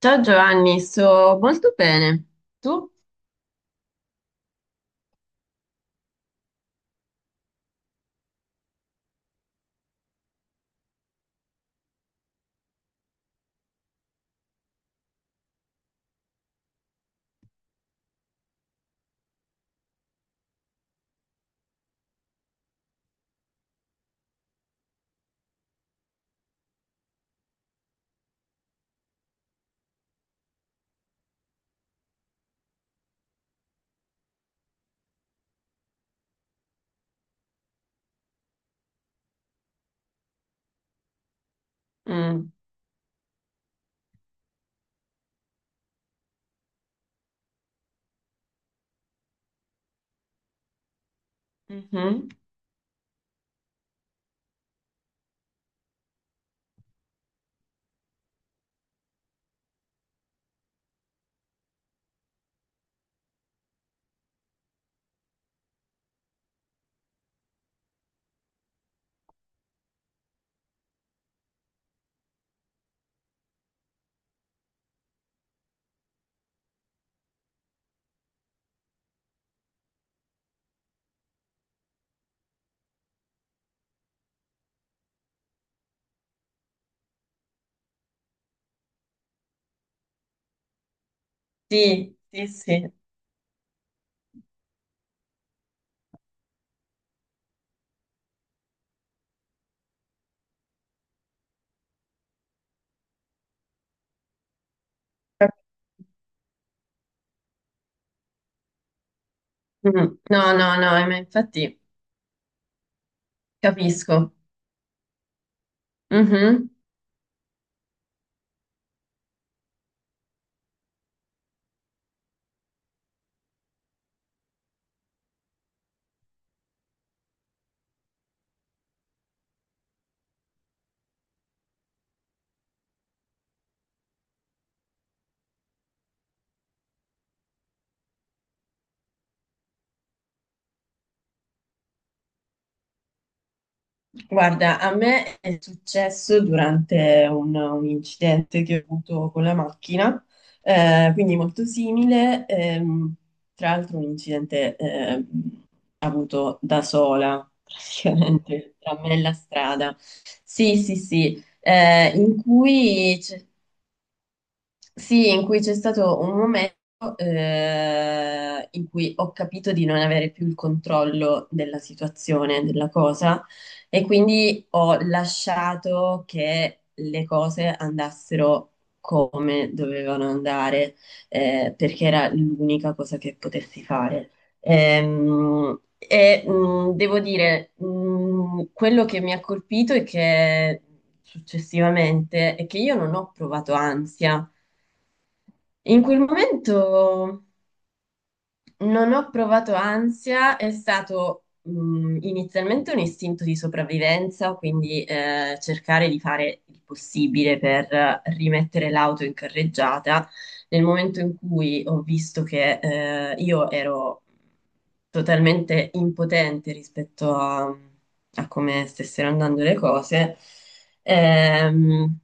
Ciao Giovanni, sto molto bene. Tu? Mm, mhm. Sì, sì, sì. Mm, no, no, no, ma infatti capisco. Mhm. Guarda, a me è successo durante un incidente che ho avuto con la macchina, quindi molto simile, tra l'altro un incidente avuto da sola, praticamente, tra me e la strada. Sì, sì, sì, in cui c'è sì, in cui c'è stato un momento in cui ho capito di non avere più il controllo della situazione, della cosa, e quindi ho lasciato che le cose andassero come dovevano andare, perché era l'unica cosa che potessi fare. Devo dire, quello che mi ha colpito è che successivamente è che io non ho provato ansia. In quel momento non ho provato ansia, è stato inizialmente un istinto di sopravvivenza, quindi cercare di fare il possibile per rimettere l'auto in carreggiata. Nel momento in cui ho visto che io ero totalmente impotente rispetto a, a come stessero andando le cose, ehm,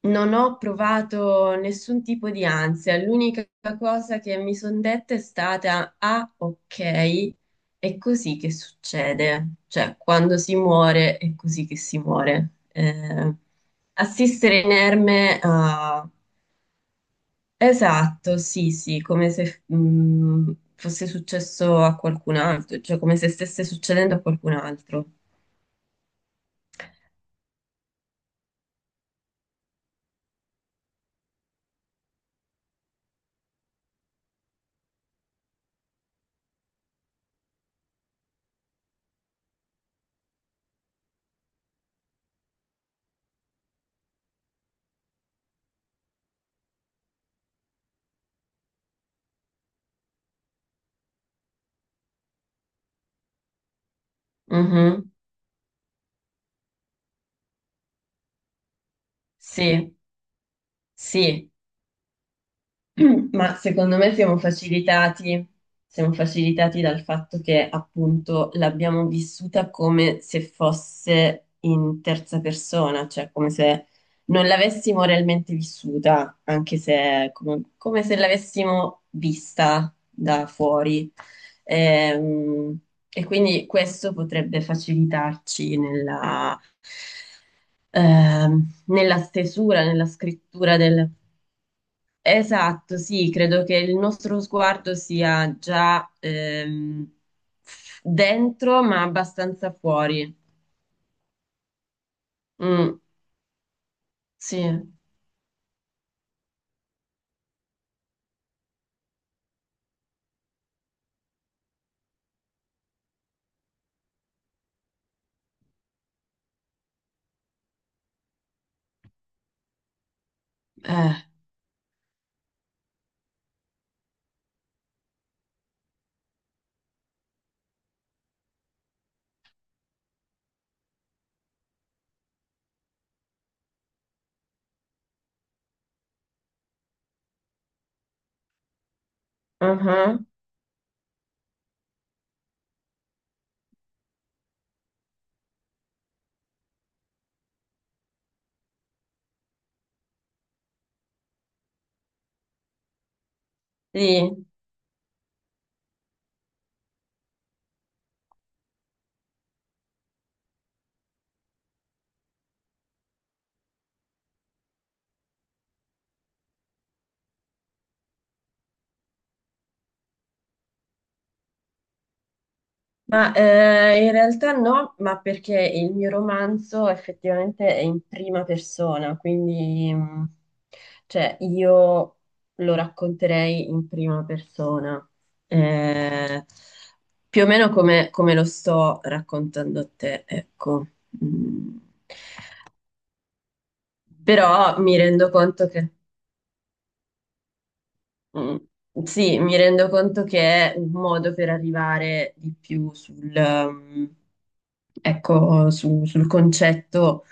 non ho provato nessun tipo di ansia, l'unica cosa che mi sono detta è stata, ah, ok, è così che succede, cioè quando si muore è così che si muore. Assistere inerme a... Esatto, sì, sì, come se fosse successo a qualcun altro, cioè come se stesse succedendo a qualcun altro. Mhm, sì, sì. Ma secondo me siamo facilitati dal fatto che appunto l'abbiamo vissuta come se fosse in terza persona, cioè come se non l'avessimo realmente vissuta, anche se come, come se l'avessimo vista da fuori. Ehm, e quindi questo potrebbe facilitarci nella nella stesura, nella scrittura del... Esatto, sì, credo che il nostro sguardo sia già dentro, ma abbastanza fuori. Mm, sì, eh, uh-huh, sì. Ma in realtà no, ma perché il mio romanzo effettivamente è in prima persona, quindi cioè, io lo racconterei in prima persona, eh, più o meno come, come lo sto raccontando a te, ecco. Mm. Però mi rendo conto che, mm, sì, mi rendo conto che è un modo per arrivare di più sul... mm, ecco, sul concetto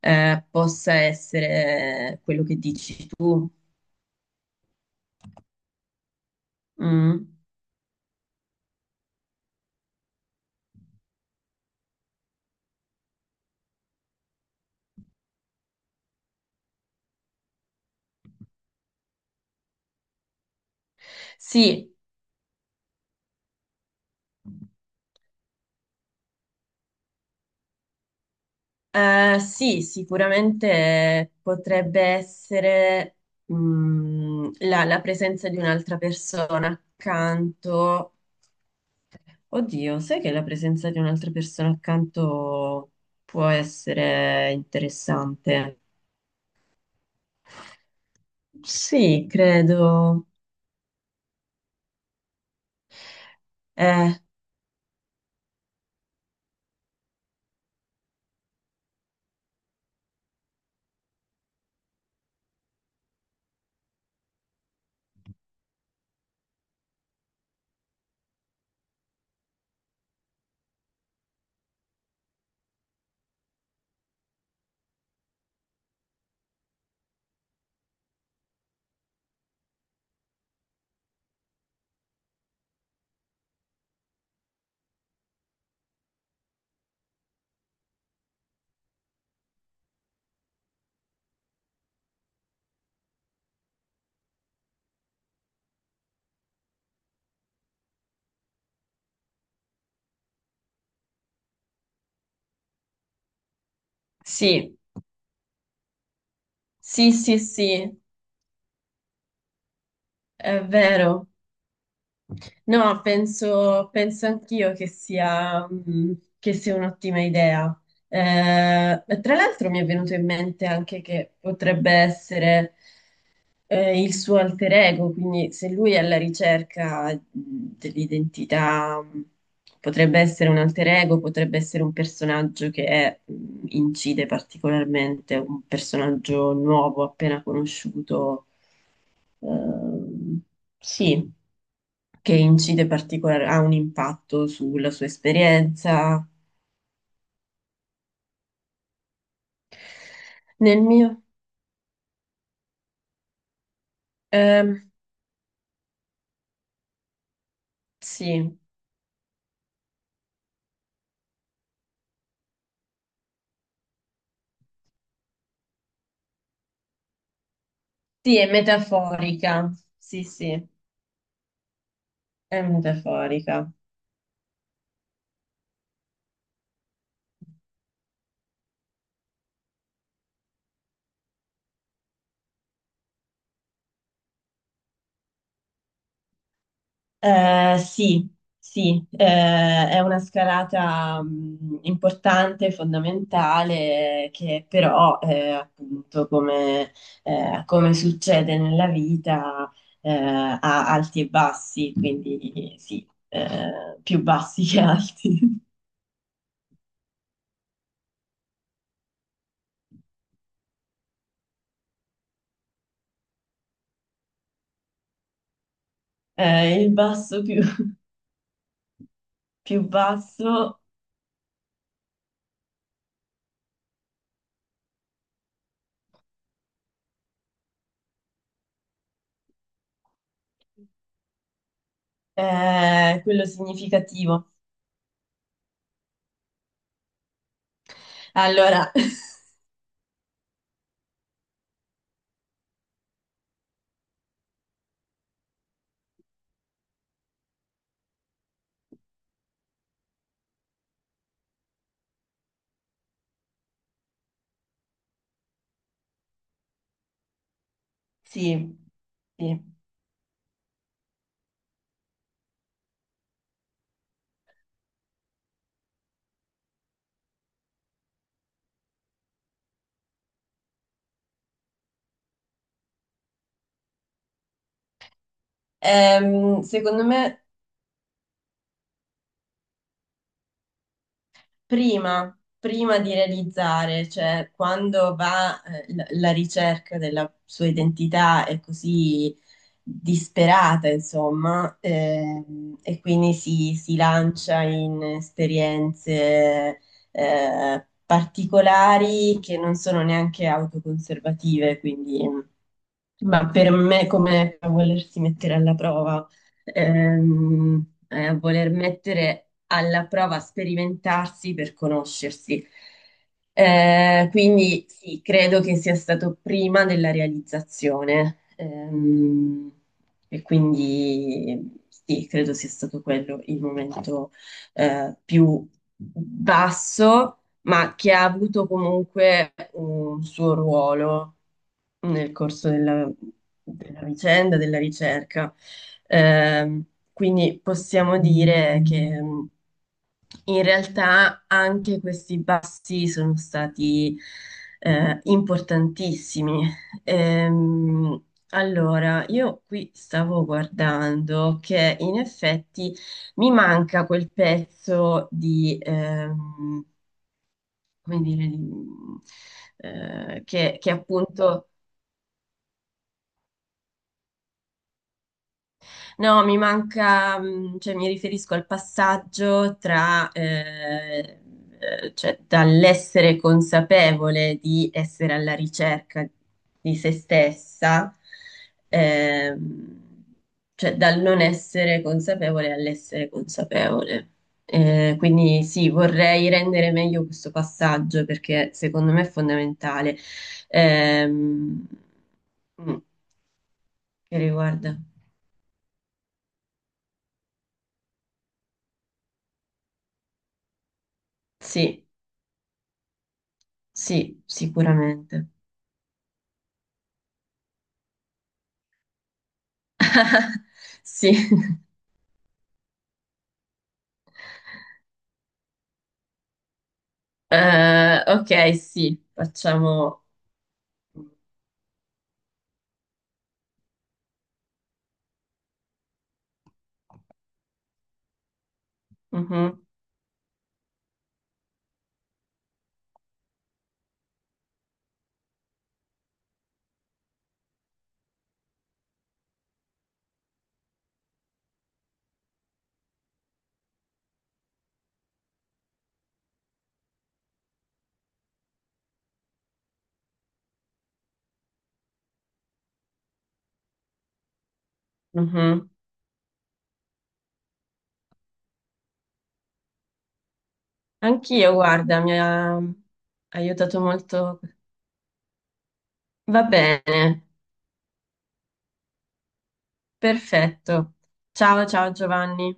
possa essere quello che dici tu. Mm. Sì, sì, sicuramente potrebbe essere la presenza di un'altra persona accanto. Oddio, sai che la presenza di un'altra persona accanto può essere interessante? Sì, credo. Eh, Sì, sì, sì, sì, è vero. No, penso, penso anch'io che sia, che sia un'ottima idea. Tra l'altro mi è venuto in mente anche che potrebbe essere, il suo alter ego, quindi se lui è alla ricerca dell'identità, potrebbe essere un alter ego, potrebbe essere un personaggio che è, incide particolarmente, un personaggio nuovo, appena conosciuto, ehm, sì, che incide particolare, ha un impatto sulla sua esperienza. Nel mio, ehm, sì, sì, è metaforica, sì, sì, è metaforica. Sì, sì, è una scalata importante, fondamentale, che però, appunto, come, come succede nella vita, ha alti e bassi, quindi sì, più bassi che alti. Il basso più, più basso è quello significativo. Allora, sì, sì. Secondo me prima, prima di realizzare, cioè quando va la ricerca della sua identità è così disperata, insomma, e quindi si lancia in esperienze particolari che non sono neanche autoconservative, quindi... ma per me come a volersi mettere alla prova, ehm, è a voler mettere alla prova, sperimentarsi per conoscersi. Quindi sì, credo che sia stato prima della realizzazione. E quindi sì, credo sia stato quello il momento più basso, ma che ha avuto comunque un suo ruolo nel corso della, della vicenda, della ricerca. Ehm, quindi possiamo dire che in realtà anche questi passi sono stati importantissimi. Ehm, allora, io qui stavo guardando che in effetti mi manca quel pezzo di, come dire, di, che appunto... No, mi manca, cioè mi riferisco al passaggio tra, cioè dall'essere consapevole di essere alla ricerca di se stessa, ehm, cioè dal non essere consapevole all'essere consapevole. Quindi sì, vorrei rendere meglio questo passaggio perché secondo me è fondamentale. Ehm, mm, che riguarda? Sì. Sì, sicuramente. Sì. Ok, sì, facciamo. Mhm, mhm. Anch'io, guarda, mi ha aiutato molto. Va bene, perfetto. Ciao, ciao Giovanni.